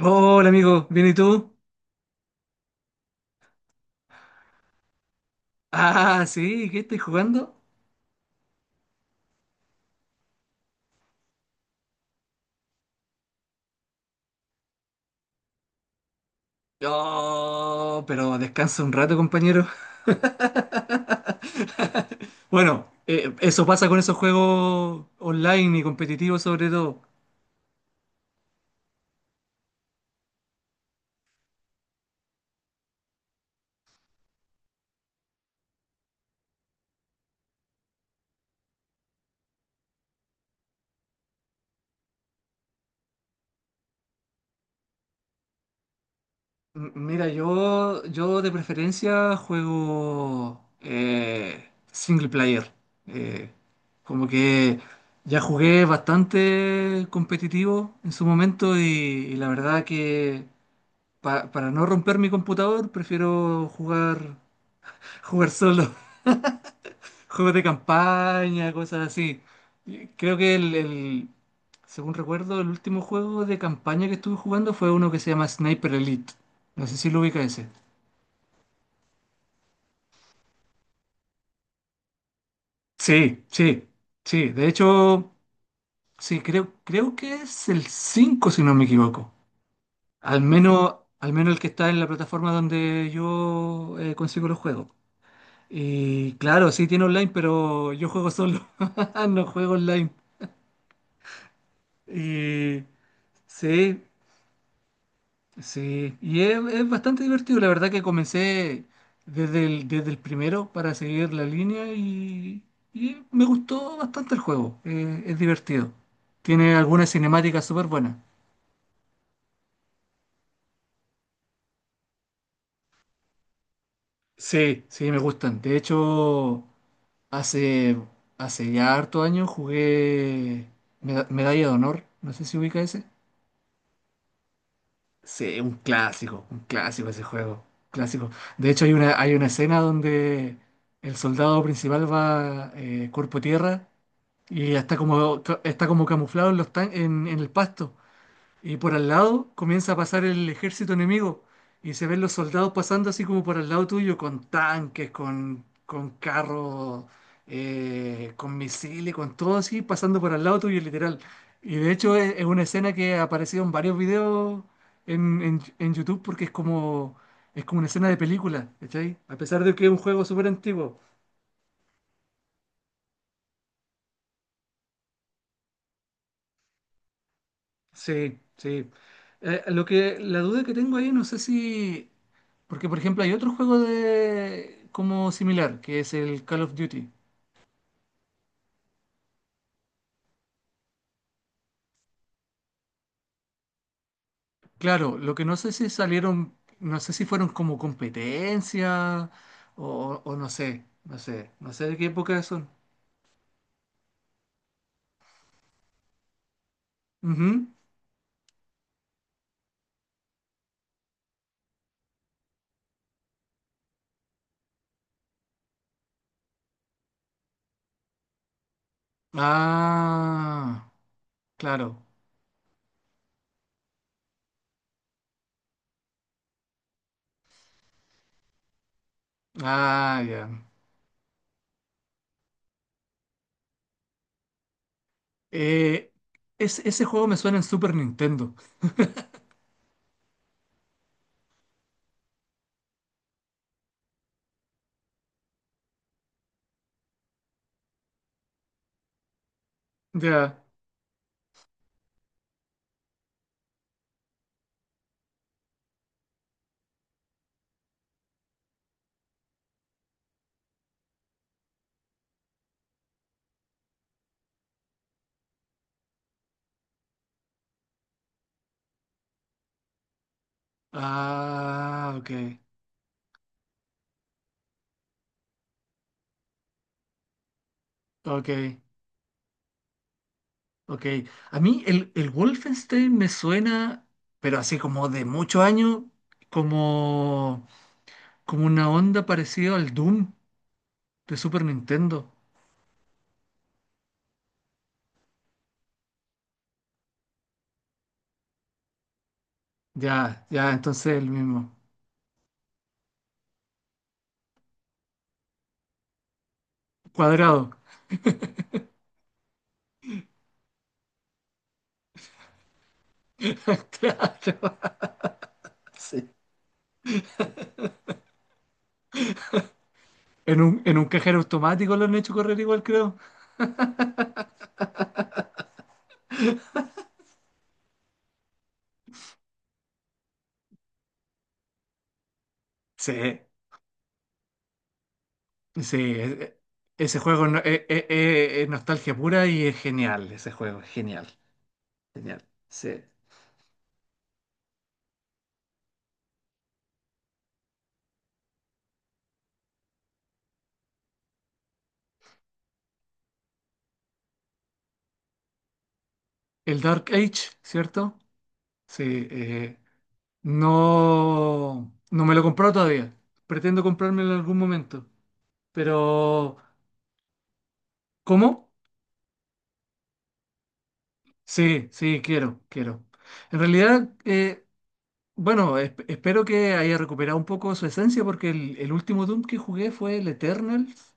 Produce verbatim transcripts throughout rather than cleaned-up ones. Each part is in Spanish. Hola amigo, ¿bien y tú? Ah, sí, ¿qué estoy jugando? No, pero descansa un rato, compañero. Bueno, eh, eso pasa con esos juegos online y competitivos sobre todo. M- mira, yo, yo de preferencia juego eh, single player. Eh, como que ya jugué bastante competitivo en su momento y, y la verdad que pa- para no romper mi computador prefiero jugar jugar solo, juegos de campaña, cosas así. Y creo que el, el- según recuerdo, el último juego de campaña que estuve jugando fue uno que se llama Sniper Elite. No sé si lo ubica ese. Sí, sí, sí. De hecho, sí, creo, creo que es el cinco si no me equivoco. Al menos, al menos el que está en la plataforma donde yo eh, consigo los juegos. Y claro, sí tiene online, pero yo juego solo. No juego online. Y sí, sí, y es, es bastante divertido. La verdad que comencé desde el, desde el primero para seguir la línea y, y me gustó bastante el juego. Eh, es divertido. Tiene algunas cinemáticas súper buenas. Sí, sí, me gustan. De hecho, hace, hace ya harto años jugué Meda- Medalla de Honor. No sé si ubica ese. Sí, un clásico, un clásico ese juego, clásico. De hecho, hay una, hay una escena donde el soldado principal va eh, cuerpo a tierra y está como, está como camuflado en, los tan- en, en el pasto. Y por al lado comienza a pasar el ejército enemigo y se ven los soldados pasando así como por al lado tuyo, con tanques, con, con carros, eh, con misiles, con todo así, pasando por al lado tuyo, literal. Y de hecho es, es una escena que ha aparecido en varios videos en, en- en YouTube porque es como, es como una escena de película, ¿cachai? A pesar de que es un juego súper antiguo. Sí, sí. Eh, lo que, la duda que tengo ahí, no sé si... Porque, por ejemplo, hay otro juego de como similar, que es el Call of Duty. Claro, lo que no sé si salieron, no sé si fueron como competencia o, o no sé, no sé, no sé de qué época son. Ujú. Ah, claro. Ah, ya. Eh, es- Ese juego me suena en Super Nintendo. Ya. Ah, ok. Ok. Ok, a mí el, el Wolfenstein me suena, pero así como de muchos años, como, como una onda parecida al Doom de Super Nintendo. Ya, ya, entonces el mismo. Cuadrado. Claro, sí. En un, en un cajero automático lo han hecho correr igual, creo. Sí, sí, e- e, ese juego no- e- e- e- es nostalgia pura y es genial, ese juego, genial, genial. Sí. El Dark Age, ¿cierto? Sí, eh, no, no me lo he comprado todavía. Pretendo comprármelo en algún momento. Pero, ¿cómo? Sí, sí, quiero, quiero. En realidad, eh, bueno, esp- espero que haya recuperado un poco su esencia porque el, el último Doom que jugué fue el Eternals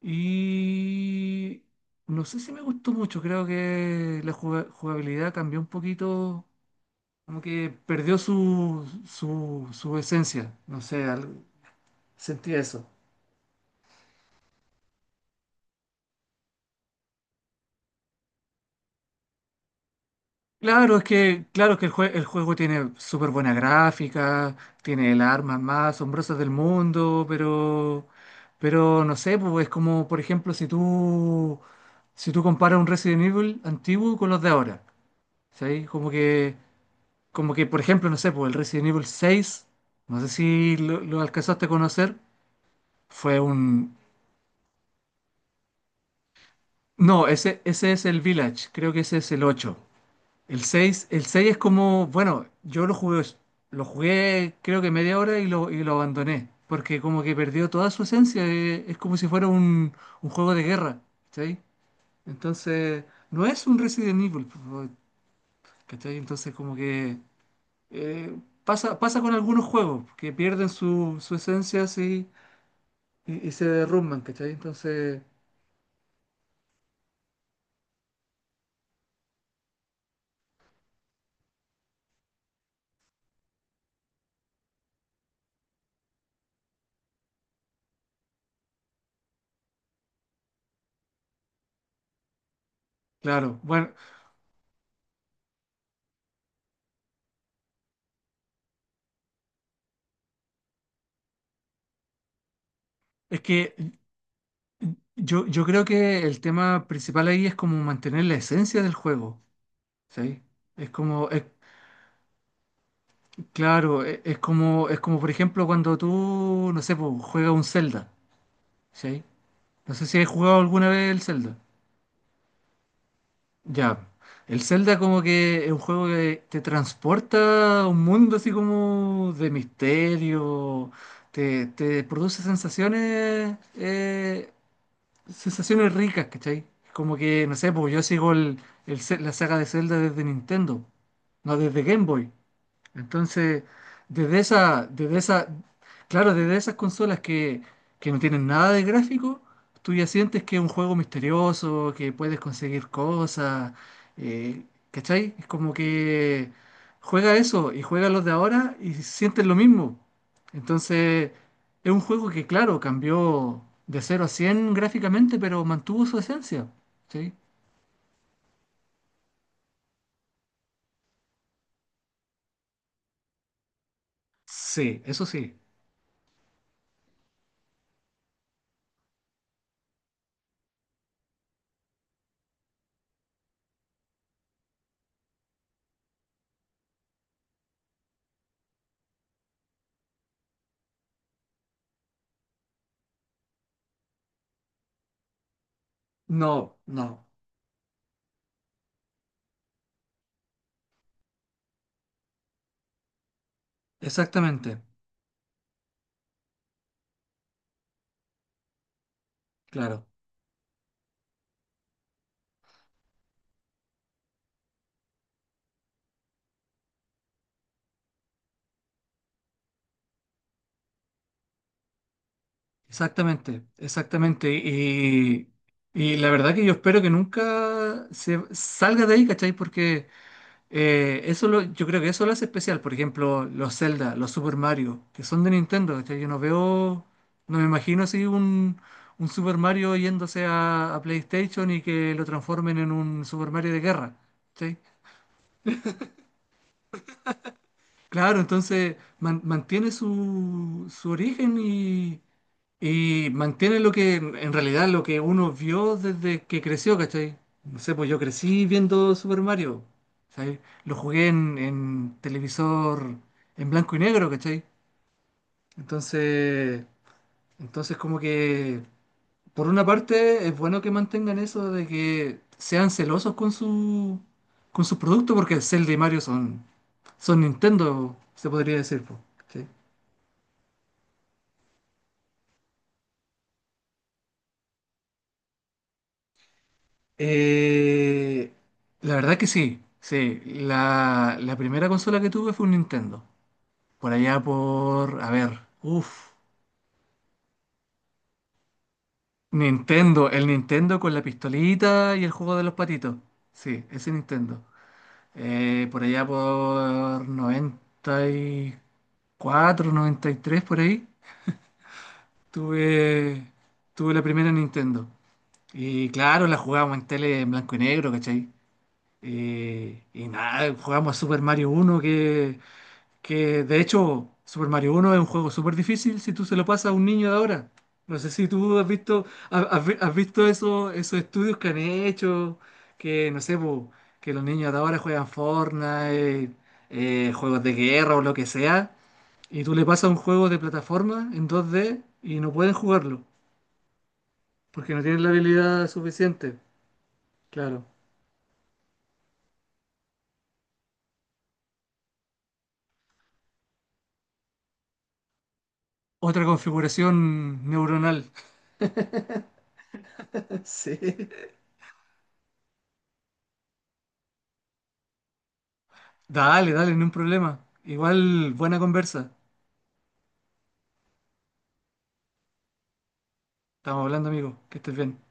y no sé si me gustó mucho. Creo que la juga- jugabilidad cambió un poquito, como que perdió su, su, su esencia. No sé, algo- sentí eso. Claro, es que, claro que el, jue- el juego tiene súper buena gráfica, tiene las armas más asombrosas del mundo, pero, pero no sé, pues es como, por ejemplo, si tú, si tú comparas un Resident Evil antiguo con los de ahora, ¿sí? Como que, como que, por ejemplo, no sé, pues el Resident Evil seis no sé si lo, lo alcanzaste a conocer, fue un... No, ese, ese es el Village, creo que ese es el ocho. El seis el seis es como, bueno, yo lo jugué, lo jugué creo que media hora y lo, y lo abandoné, porque como que perdió toda su esencia, eh, es como si fuera un, un juego de guerra, ¿cachai? Entonces, no es un Resident Evil, po, ¿cachai? Entonces como que eh, pasa, pasa con algunos juegos que pierden su, su esencia así y, y se derrumban, ¿cachai? Entonces, claro, bueno, es que yo, yo creo que el tema principal ahí es como mantener la esencia del juego. Sí, es como, es, claro, e- es, como, es como por ejemplo cuando tú, no sé, pues, juegas un Zelda, ¿sí? No sé si has jugado alguna vez el Zelda. Ya, el Zelda como que es un juego que te transporta a un mundo así como de misterio, te, te produce sensaciones, eh, sensaciones ricas, ¿cachai? Como que, no sé, pues yo sigo el, el Ze- la saga de Zelda desde Nintendo, no desde Game Boy. Entonces, desde esa, desde esa, claro, desde esas consolas que, que no tienen nada de gráfico, tú ya sientes que es un juego misterioso, que puedes conseguir cosas, eh, ¿cachai? Es como que juega eso y juega los de ahora y sientes lo mismo. Entonces, es un juego que, claro, cambió de cero a cien gráficamente, pero mantuvo su esencia, ¿sí? Sí, eso sí. No, no, exactamente, claro. Exactamente, exactamente. Y, y la verdad que yo espero que nunca se salga de ahí, ¿cachai? Porque eh, eso lo, yo creo que eso lo hace especial. Por ejemplo, los Zelda, los Super Mario, que son de Nintendo, ¿cachai? Yo no veo, no me imagino así un, un Super Mario yéndose a, a PlayStation y que lo transformen en un Super Mario de guerra, ¿cachai? Claro, entonces man- mantiene su, su origen y... Y mantiene lo que, en realidad, lo que uno vio desde que creció, ¿cachai? No sé, pues yo crecí viendo Super Mario, ¿sabes? Lo jugué en, en televisor en blanco y negro, ¿cachai? Entonces, entonces como que, por una parte, es bueno que mantengan eso de que sean celosos con su, con su producto, porque Zelda y Mario son, son Nintendo, se podría decir, pues, ¿cachai? Eh, la verdad que sí, sí. La, la primera consola que tuve fue un Nintendo. Por allá por, a ver, uff, Nintendo, el Nintendo con la pistolita y el juego de los patitos. Sí, ese Nintendo. Eh, por allá por noventa noventa y cuatro, noventa y tres por ahí, tuve, tuve la primera Nintendo. Y claro, la jugábamos en tele en blanco y negro, ¿cachai? Eh, y nada, jugamos a Super Mario uno que... Que de hecho, Super Mario uno es un juego súper difícil si tú se lo pasas a un niño de ahora. No sé si tú has visto, ha- has, vi- has visto eso- esos estudios que han hecho, que no sé, po, que los niños de ahora juegan Fortnite, eh, juegos de guerra o lo que sea, y tú le pasas un juego de plataforma en dos D y no pueden jugarlo, porque no tienen la habilidad suficiente, claro. Otra configuración neuronal. Sí. Dale, dale, no hay un problema. Igual, buena conversa. Estamos hablando, amigo. Que estés bien.